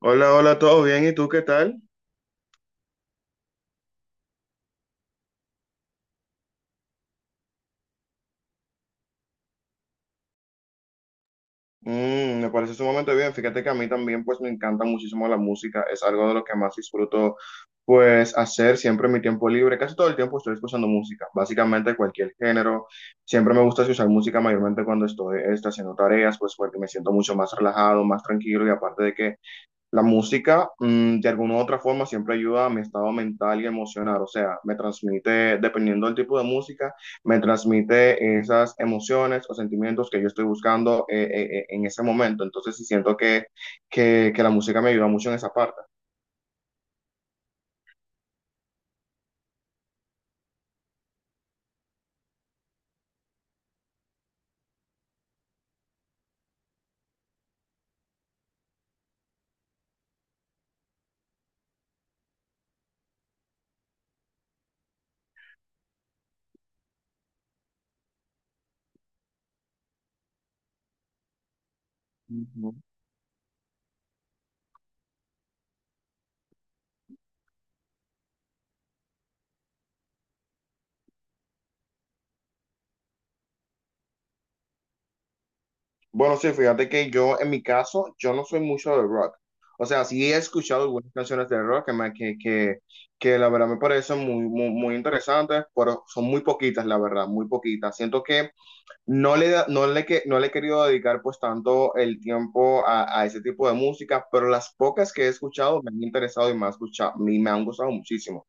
Hola, hola, ¿todo bien? ¿Y tú qué tal? Me parece sumamente bien. Fíjate que a mí también pues me encanta muchísimo la música. Es algo de lo que más disfruto pues hacer siempre en mi tiempo libre. Casi todo el tiempo estoy escuchando música, básicamente cualquier género. Siempre me gusta escuchar música mayormente cuando estoy haciendo tareas, pues porque me siento mucho más relajado, más tranquilo y aparte de que la música, de alguna u otra forma, siempre ayuda a mi estado mental y emocional. O sea, me transmite, dependiendo del tipo de música, me transmite esas emociones o sentimientos que yo estoy buscando en ese momento. Entonces, sí siento que, que la música me ayuda mucho en esa parte. Ujú. Bueno, sí, fíjate que yo, en mi caso, yo no soy mucho de rock. O sea, sí he escuchado algunas canciones de rock que la verdad me parecen muy, muy, muy interesantes, pero son muy poquitas, la verdad, muy poquitas. Siento que no le he querido dedicar pues tanto el tiempo a ese tipo de música, pero las pocas que he escuchado me han interesado y me han gustado muchísimo.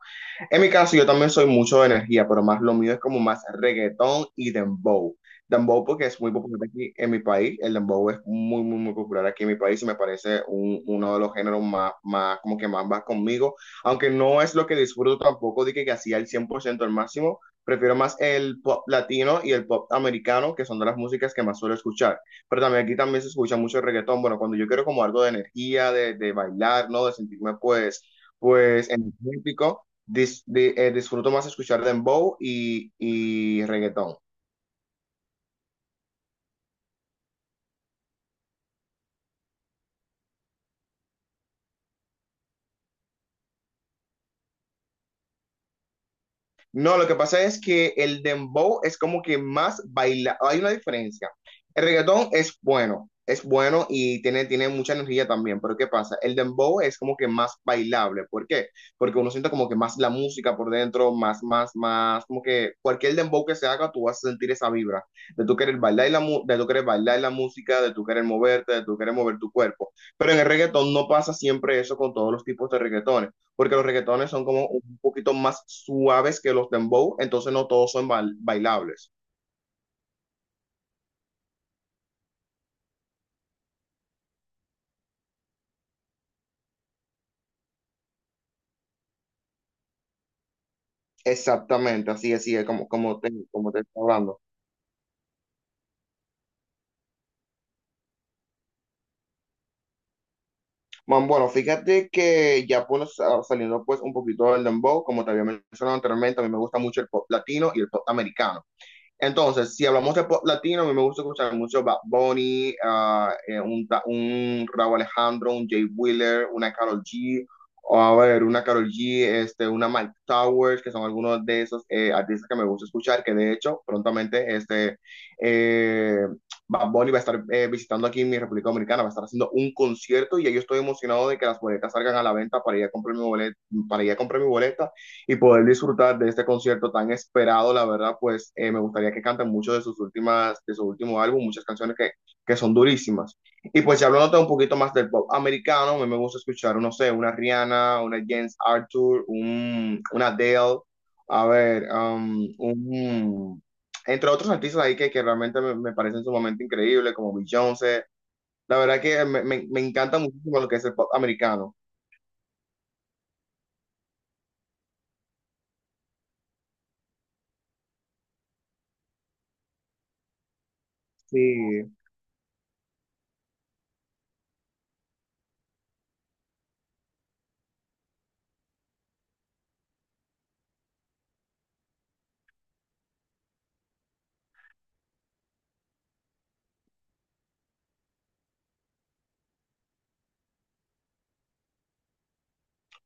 En mi caso, yo también soy mucho de energía, pero más lo mío es como más reggaetón y dembow. Dembow porque es muy popular aquí en mi país. El dembow es muy, muy, muy popular aquí en mi país y me parece uno de los géneros más, como que más va conmigo. Aunque no es lo que disfruto tampoco, dije que hacía el 100% al máximo. Prefiero más el pop latino y el pop americano, que son de las músicas que más suelo escuchar. Pero también aquí también se escucha mucho reggaetón. Bueno, cuando yo quiero como algo de energía, de, bailar, ¿no? De sentirme pues, pues energético. Disfruto más escuchar dembow y reggaetón. No, lo que pasa es que el dembow es como que más baila, hay una diferencia. El reggaetón es bueno y tiene mucha energía también, pero ¿qué pasa? El dembow es como que más bailable, ¿por qué? Porque uno siente como que más la música por dentro, más, como que cualquier dembow que se haga, tú vas a sentir esa vibra de tú querer bailar la música, de tú querer moverte, de tú querer mover tu cuerpo. Pero en el reggaetón no pasa siempre eso con todos los tipos de reggaetón porque los reggaetones son como un poquito más suaves que los dembow, entonces no todos son bailables. Exactamente, así es como te estoy hablando. Man, bueno, fíjate que ya pues, saliendo pues un poquito del dembow, como te había mencionado anteriormente, a mí me gusta mucho el pop latino y el pop americano. Entonces, si hablamos de pop latino, a mí me gusta escuchar mucho Bad Bunny, un Rauw Alejandro, un Jay Wheeler, una Karol G, a ver, una Karol G, este, una Mike Towers, que son algunos de esos artistas que me gusta escuchar, que de hecho, prontamente, eh, Bad Bunny va a estar visitando aquí en mi República Dominicana, va a estar haciendo un concierto y ahí yo estoy emocionado de que las boletas salgan a la venta para ir a comprar mi boleta, para ir a comprar mi boleta y poder disfrutar de este concierto tan esperado, la verdad, pues me gustaría que canten mucho de sus últimas, de su último álbum, muchas canciones que son durísimas. Y pues ya hablando un poquito más del pop americano, a mí me gusta escuchar, no sé, una Rihanna, una James Arthur, una Adele, a ver, entre otros artistas ahí que realmente me parecen sumamente increíbles, como Bill Jones. La verdad que me encanta muchísimo lo que es el pop americano. Sí.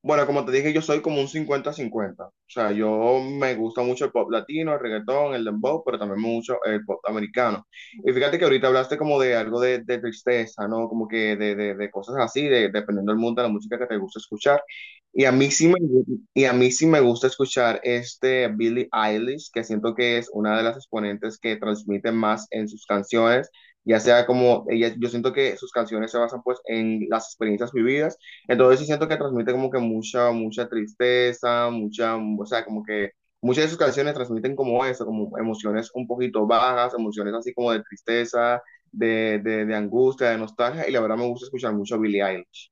Bueno, como te dije, yo soy como un 50 cincuenta. O sea, yo me gusta mucho el pop latino, el reggaetón, el dembow, pero también mucho el pop americano. Y fíjate que ahorita hablaste como de algo de tristeza, ¿no? Como que de, de cosas así, dependiendo del mundo de la música que te gusta escuchar. Y a mí sí me, y a mí sí me gusta escuchar Billie Eilish, que siento que es una de las exponentes que transmite más en sus canciones, ya sea como, ella, yo siento que sus canciones se basan pues en las experiencias vividas, entonces sí siento que transmite como que mucha, mucha tristeza, mucha, o sea, como que muchas de sus canciones transmiten como eso, como emociones un poquito bajas, emociones así como de tristeza, de angustia, de nostalgia, y la verdad me gusta escuchar mucho a Billie Eilish.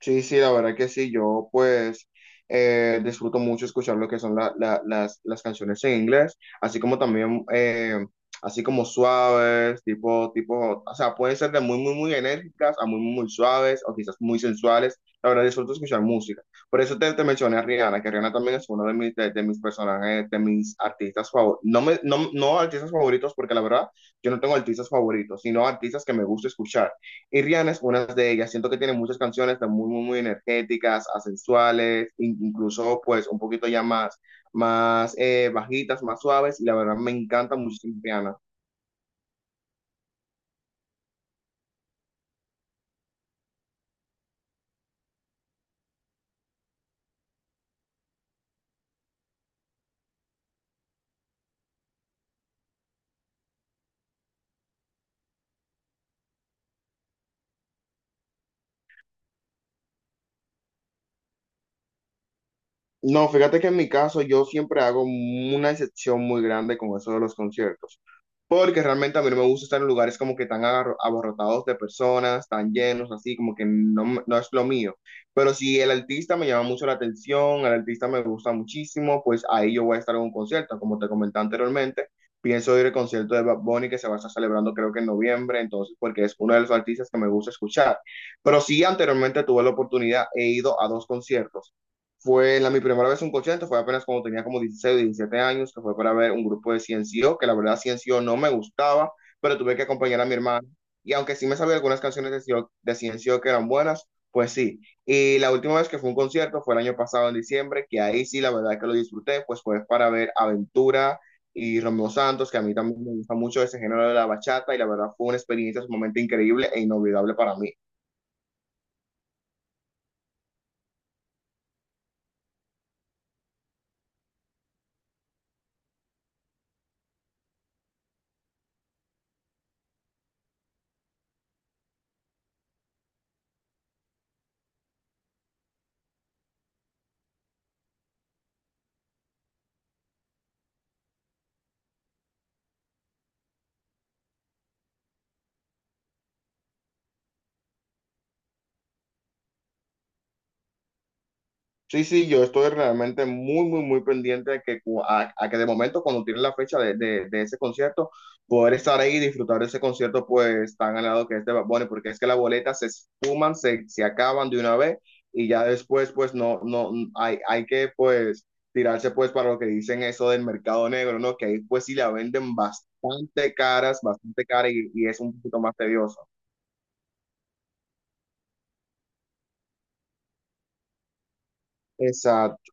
Sí, sí, la verdad que sí, yo pues disfruto mucho escuchar lo que son las canciones en inglés, así como también, así como suaves, tipo, o sea, pueden ser de muy, muy, muy enérgicas a muy, muy, muy suaves o quizás muy sensuales, la verdad disfruto escuchar música. Por eso te mencioné a Rihanna, que Rihanna también es uno de mis, de mis personajes, de mis artistas favoritos, no, me, no, no artistas favoritos porque la verdad yo no tengo artistas favoritos, sino artistas que me gusta escuchar. Y Rihanna es una de ellas. Siento que tiene muchas canciones muy, muy, muy energéticas, sensuales, incluso pues un poquito ya más, bajitas, más suaves. Y la verdad me encanta muchísimo Rihanna. No, fíjate que en mi caso yo siempre hago una excepción muy grande con eso de los conciertos. Porque realmente a mí no me gusta estar en lugares como que tan abarrotados de personas, tan llenos, así, como que no es lo mío. Pero si el artista me llama mucho la atención, el artista me gusta muchísimo, pues ahí yo voy a estar en un concierto. Como te comenté anteriormente, pienso ir al concierto de Bad Bunny que se va a estar celebrando creo que en noviembre, entonces, porque es uno de los artistas que me gusta escuchar. Pero sí, anteriormente tuve la oportunidad, he ido a dos conciertos. Fue la, mi primera vez en un concierto, fue apenas cuando tenía como 16 o 17 años, que fue para ver un grupo de Ciencio, que la verdad Ciencio no me gustaba, pero tuve que acompañar a mi hermano. Y aunque sí me sabía algunas canciones de Ciencio que eran buenas, pues sí. Y la última vez que fue un concierto fue el año pasado en diciembre, que ahí sí la verdad que lo disfruté, pues fue para ver Aventura y Romeo Santos, que a mí también me gusta mucho ese género de la bachata, y la verdad fue una experiencia sumamente increíble e inolvidable para mí. Sí, sí, yo estoy realmente muy, muy, muy pendiente a que de momento, cuando tienen la fecha de ese concierto, poder estar ahí y disfrutar de ese concierto, pues tan ganado que es de Bad Bunny, porque es que las boletas se esfuman, se acaban de una vez y ya después, pues no, no, hay que, pues, tirarse, pues, para lo que dicen eso del mercado negro, ¿no? Que ahí, pues, sí la venden bastante caras, bastante cara y es un poquito más tedioso. Exacto.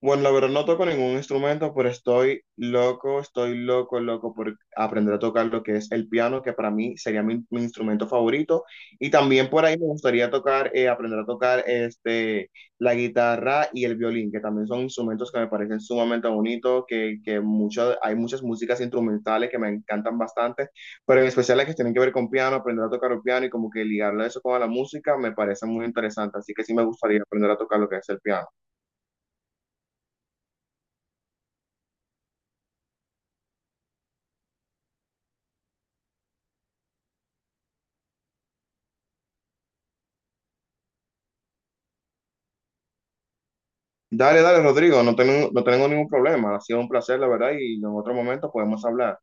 Bueno, la verdad no toco ningún instrumento, pero estoy loco, loco por aprender a tocar lo que es el piano, que para mí sería mi instrumento favorito. Y también por ahí me gustaría aprender a tocar la guitarra y el violín, que también son instrumentos que me parecen sumamente bonitos, que hay muchas músicas instrumentales que me encantan bastante, pero en especial las que tienen que ver con piano, aprender a tocar el piano y como que ligarlo a eso con la música me parece muy interesante. Así que sí me gustaría aprender a tocar lo que es el piano. Dale, dale, Rodrigo, no tengo ningún problema. Ha sido un placer, la verdad, y en otro momento podemos hablar.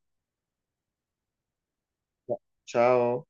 Chao.